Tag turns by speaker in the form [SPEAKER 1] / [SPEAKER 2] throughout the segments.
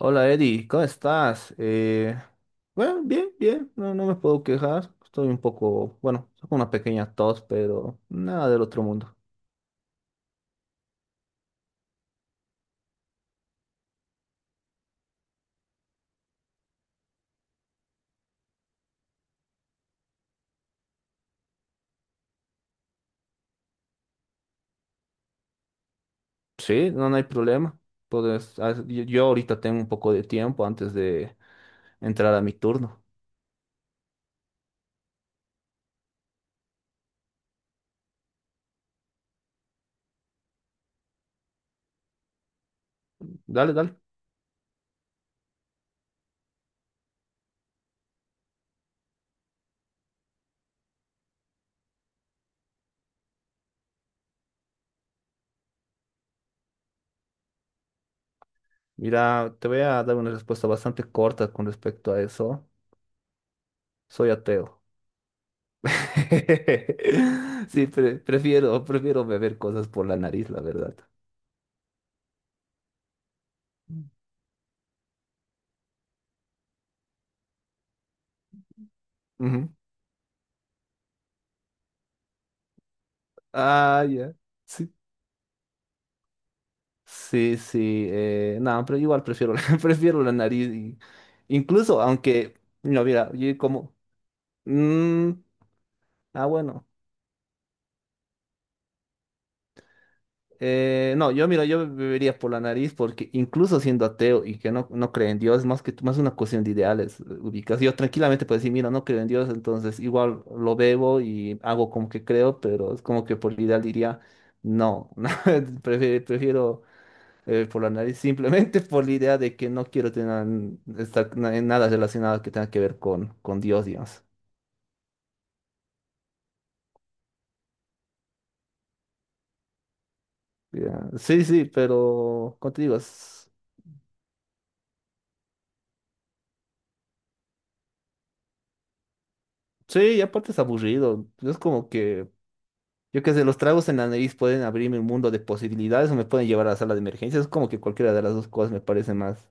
[SPEAKER 1] Hola Eddie, ¿cómo estás? Bueno, bien, bien, no, no me puedo quejar. Estoy un poco, bueno, con una pequeña tos, pero nada del otro mundo. Sí, no, no hay problema. Puedes, ah, yo yo ahorita tengo un poco de tiempo antes de entrar a mi turno. Dale, dale. Mira, te voy a dar una respuesta bastante corta con respecto a eso. Soy ateo. Sí, prefiero beber cosas por la nariz, la verdad. Ujú. Ah, ya. Sí. Sí, sí, no, pero igual prefiero, prefiero la nariz. Incluso, aunque, no, mira, yo como, mm, bueno, no, yo, mira, yo bebería por la nariz porque incluso siendo ateo y que no, no cree en Dios, más que más una cuestión de ideales, ubicas. Yo tranquilamente puedo decir, mira, no creo en Dios, entonces igual lo bebo y hago como que creo, pero es como que por ideal diría, no, no, prefiero por la nariz, simplemente por la idea de que no quiero tener estar en nada relacionado que tenga que ver con Dios, digamos. Ya, sí, sí, pero contigo, sí, y aparte es aburrido. Es como que, yo qué sé, los tragos en la nariz pueden abrirme un mundo de posibilidades o me pueden llevar a la sala de emergencias. Es como que cualquiera de las dos cosas me parece más.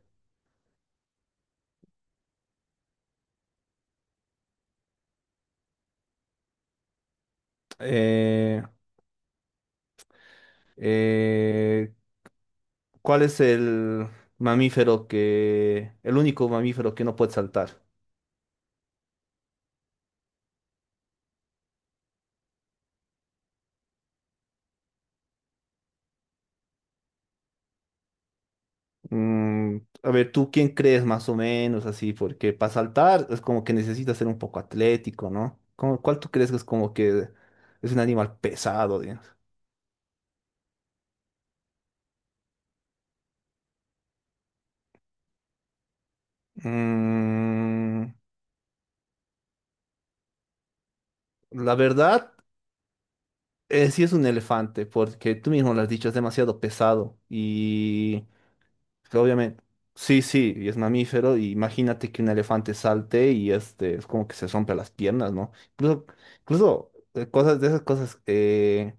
[SPEAKER 1] Eh, eh, ¿Cuál es el único mamífero que no puede saltar? Mm, a ver, ¿tú quién crees más o menos así? Porque para saltar es como que necesitas ser un poco atlético, ¿no? ¿Cuál tú crees que es como que es un animal pesado, digamos? Mm, la verdad, sí es un elefante, porque tú mismo lo has dicho, es demasiado pesado y pues, obviamente, sí, sí, y es mamífero, y imagínate que un elefante salte y este, es como que se rompe las piernas, ¿no? Incluso, incluso cosas de esas cosas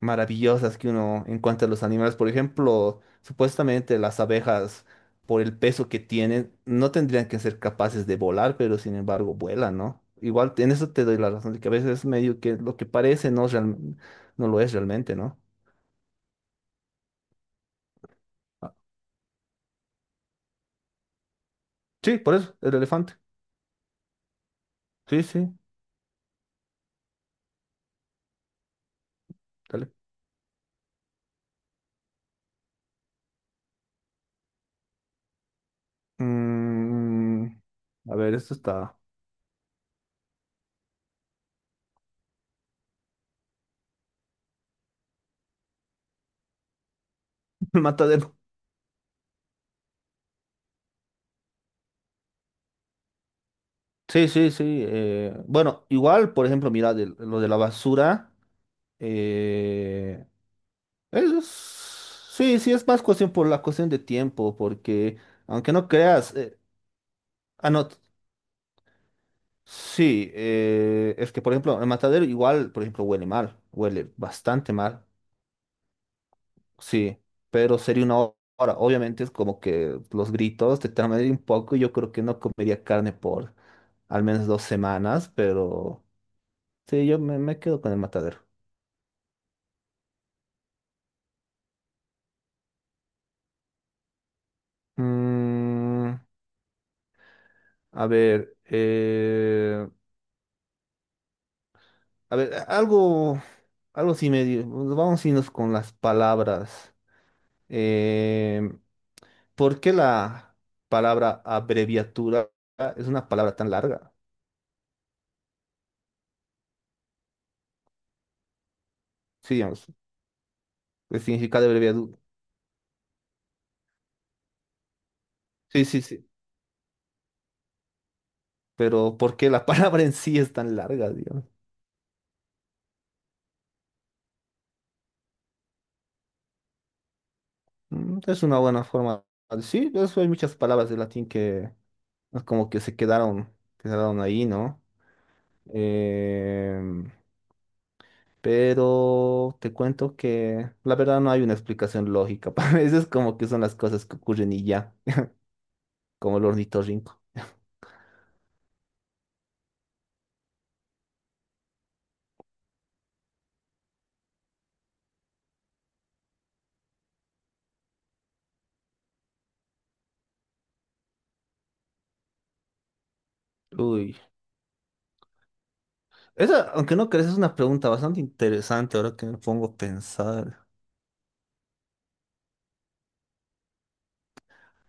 [SPEAKER 1] maravillosas que uno encuentra en los animales. Por ejemplo, supuestamente las abejas, por el peso que tienen, no tendrían que ser capaces de volar, pero sin embargo vuelan, ¿no? Igual en eso te doy la razón, de que a veces es medio que lo que parece no, es no lo es realmente, ¿no? Sí, por eso, el elefante. Sí, sí, dale. Mm, a ver, esto está matadero. Sí, sí, sí. Bueno, igual, por ejemplo, mira, lo de la basura. eh, Eso es- sí, sí, es más cuestión por la cuestión de tiempo, porque aunque no creas, no, sí, es que por ejemplo, el matadero igual, por ejemplo, huele mal, huele bastante mal, sí, pero sería una hora. Obviamente es como que los gritos te traen un poco, y yo creo que no comería carne por al menos 2 semanas, pero sí, yo me quedo con el matadero. Mm, a ver, eh, A ver, algo sí medio. Vamos a irnos con las palabras. Eh, ¿Por qué la palabra abreviatura es una palabra tan larga? Sí, digamos, el significado de abreviatura. Sí, sí, sí. Pero ¿por qué la palabra en sí es tan larga, digamos? Mm. Es una buena forma. Sí, eso hay muchas palabras de latín que es como que se quedaron ahí, ¿no? Eh, Pero te cuento que la verdad no hay una explicación lógica. Para veces como que son las cosas que ocurren y ya, como el ornitorrinco. Uy. Esa, aunque no crees, es una pregunta bastante interesante ahora que me pongo a pensar.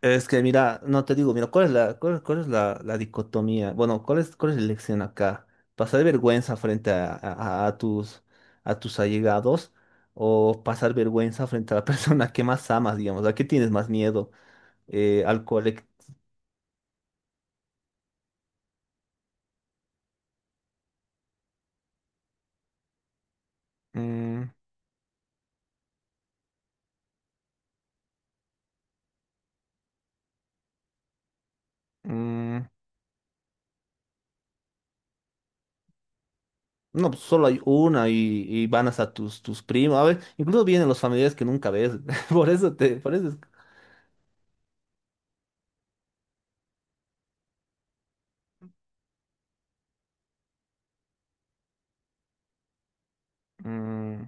[SPEAKER 1] Es que mira, no te digo, mira, ¿cuál es la dicotomía? Bueno, ¿cuál es la elección acá? ¿Pasar vergüenza frente a, a- a tus, a tus allegados o pasar vergüenza frente a la persona que más amas, digamos? ¿A qué tienes más miedo? Al colectivo. Mm, no, pues solo hay una y van hasta tus primos. A ver, incluso vienen los familiares que nunca ves. Por eso te, por eso es. Mm,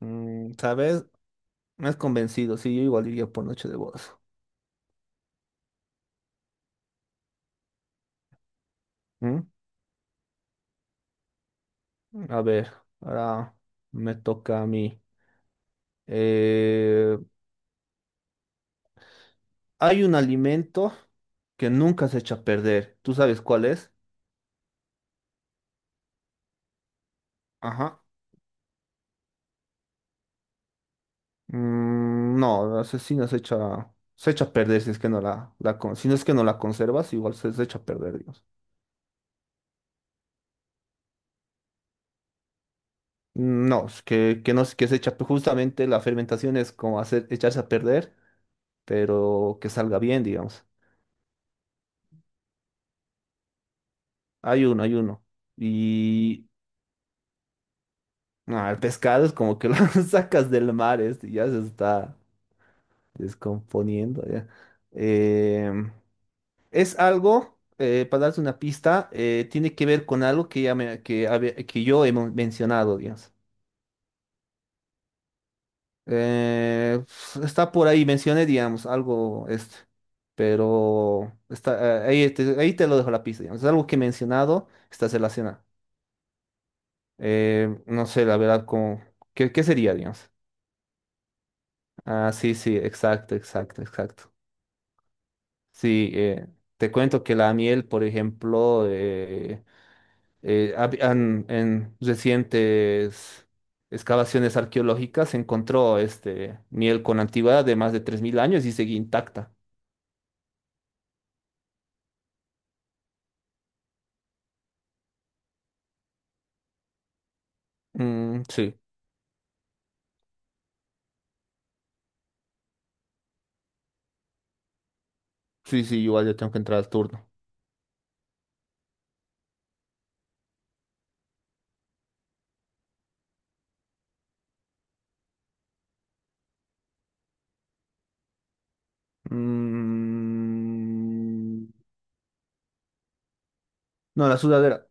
[SPEAKER 1] mm, ¿sabes? Me has convencido. Sí, yo igual iría por noche de bodas. ¿Mm? A ver, ahora me toca a mí. Eh, Hay un alimento que nunca se echa a perder. ¿Tú sabes cuál es? Ajá. No, la asesina se echa a perder si no es que no la conservas, igual se echa a perder. No, es que, no es que se echa, pues, justamente la fermentación es como hacer, echarse a perder, pero que salga bien, digamos. Hay uno, hay uno. Y el pescado es como que lo sacas del mar, este ya se está descomponiendo. Ya. Em, es algo, para darte una pista, tiene que ver con algo que, ya me- que, habe- que yo he mencionado, digamos. Eh, Está por ahí, mencioné, digamos, algo este, pero está, ahí te lo dejo la pista, digamos. Es algo que he mencionado, está relacionado. No sé, la verdad, como, ¿qué sería, digamos? Ah, sí, sí, exacto, exacto, exacto. Sí, te cuento que la miel, por ejemplo, en recientes excavaciones arqueológicas se encontró miel con antigüedad de más de 3.000 años y seguía intacta. Mm, sí, sí, sí, igual yo tengo que entrar al turno. Mm, no, la sudadera.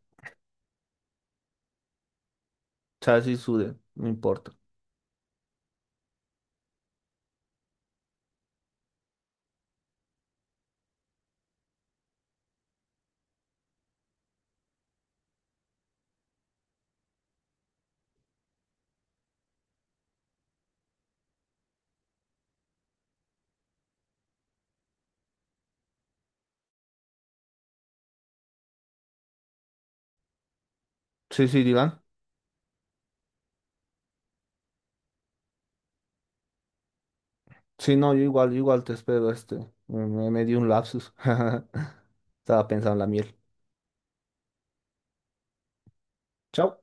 [SPEAKER 1] O sea, sí sude, no importa. Sí, sí, digan. Sí, no, yo igual te espero. Me di un lapsus. Estaba pensando en la miel. Chao.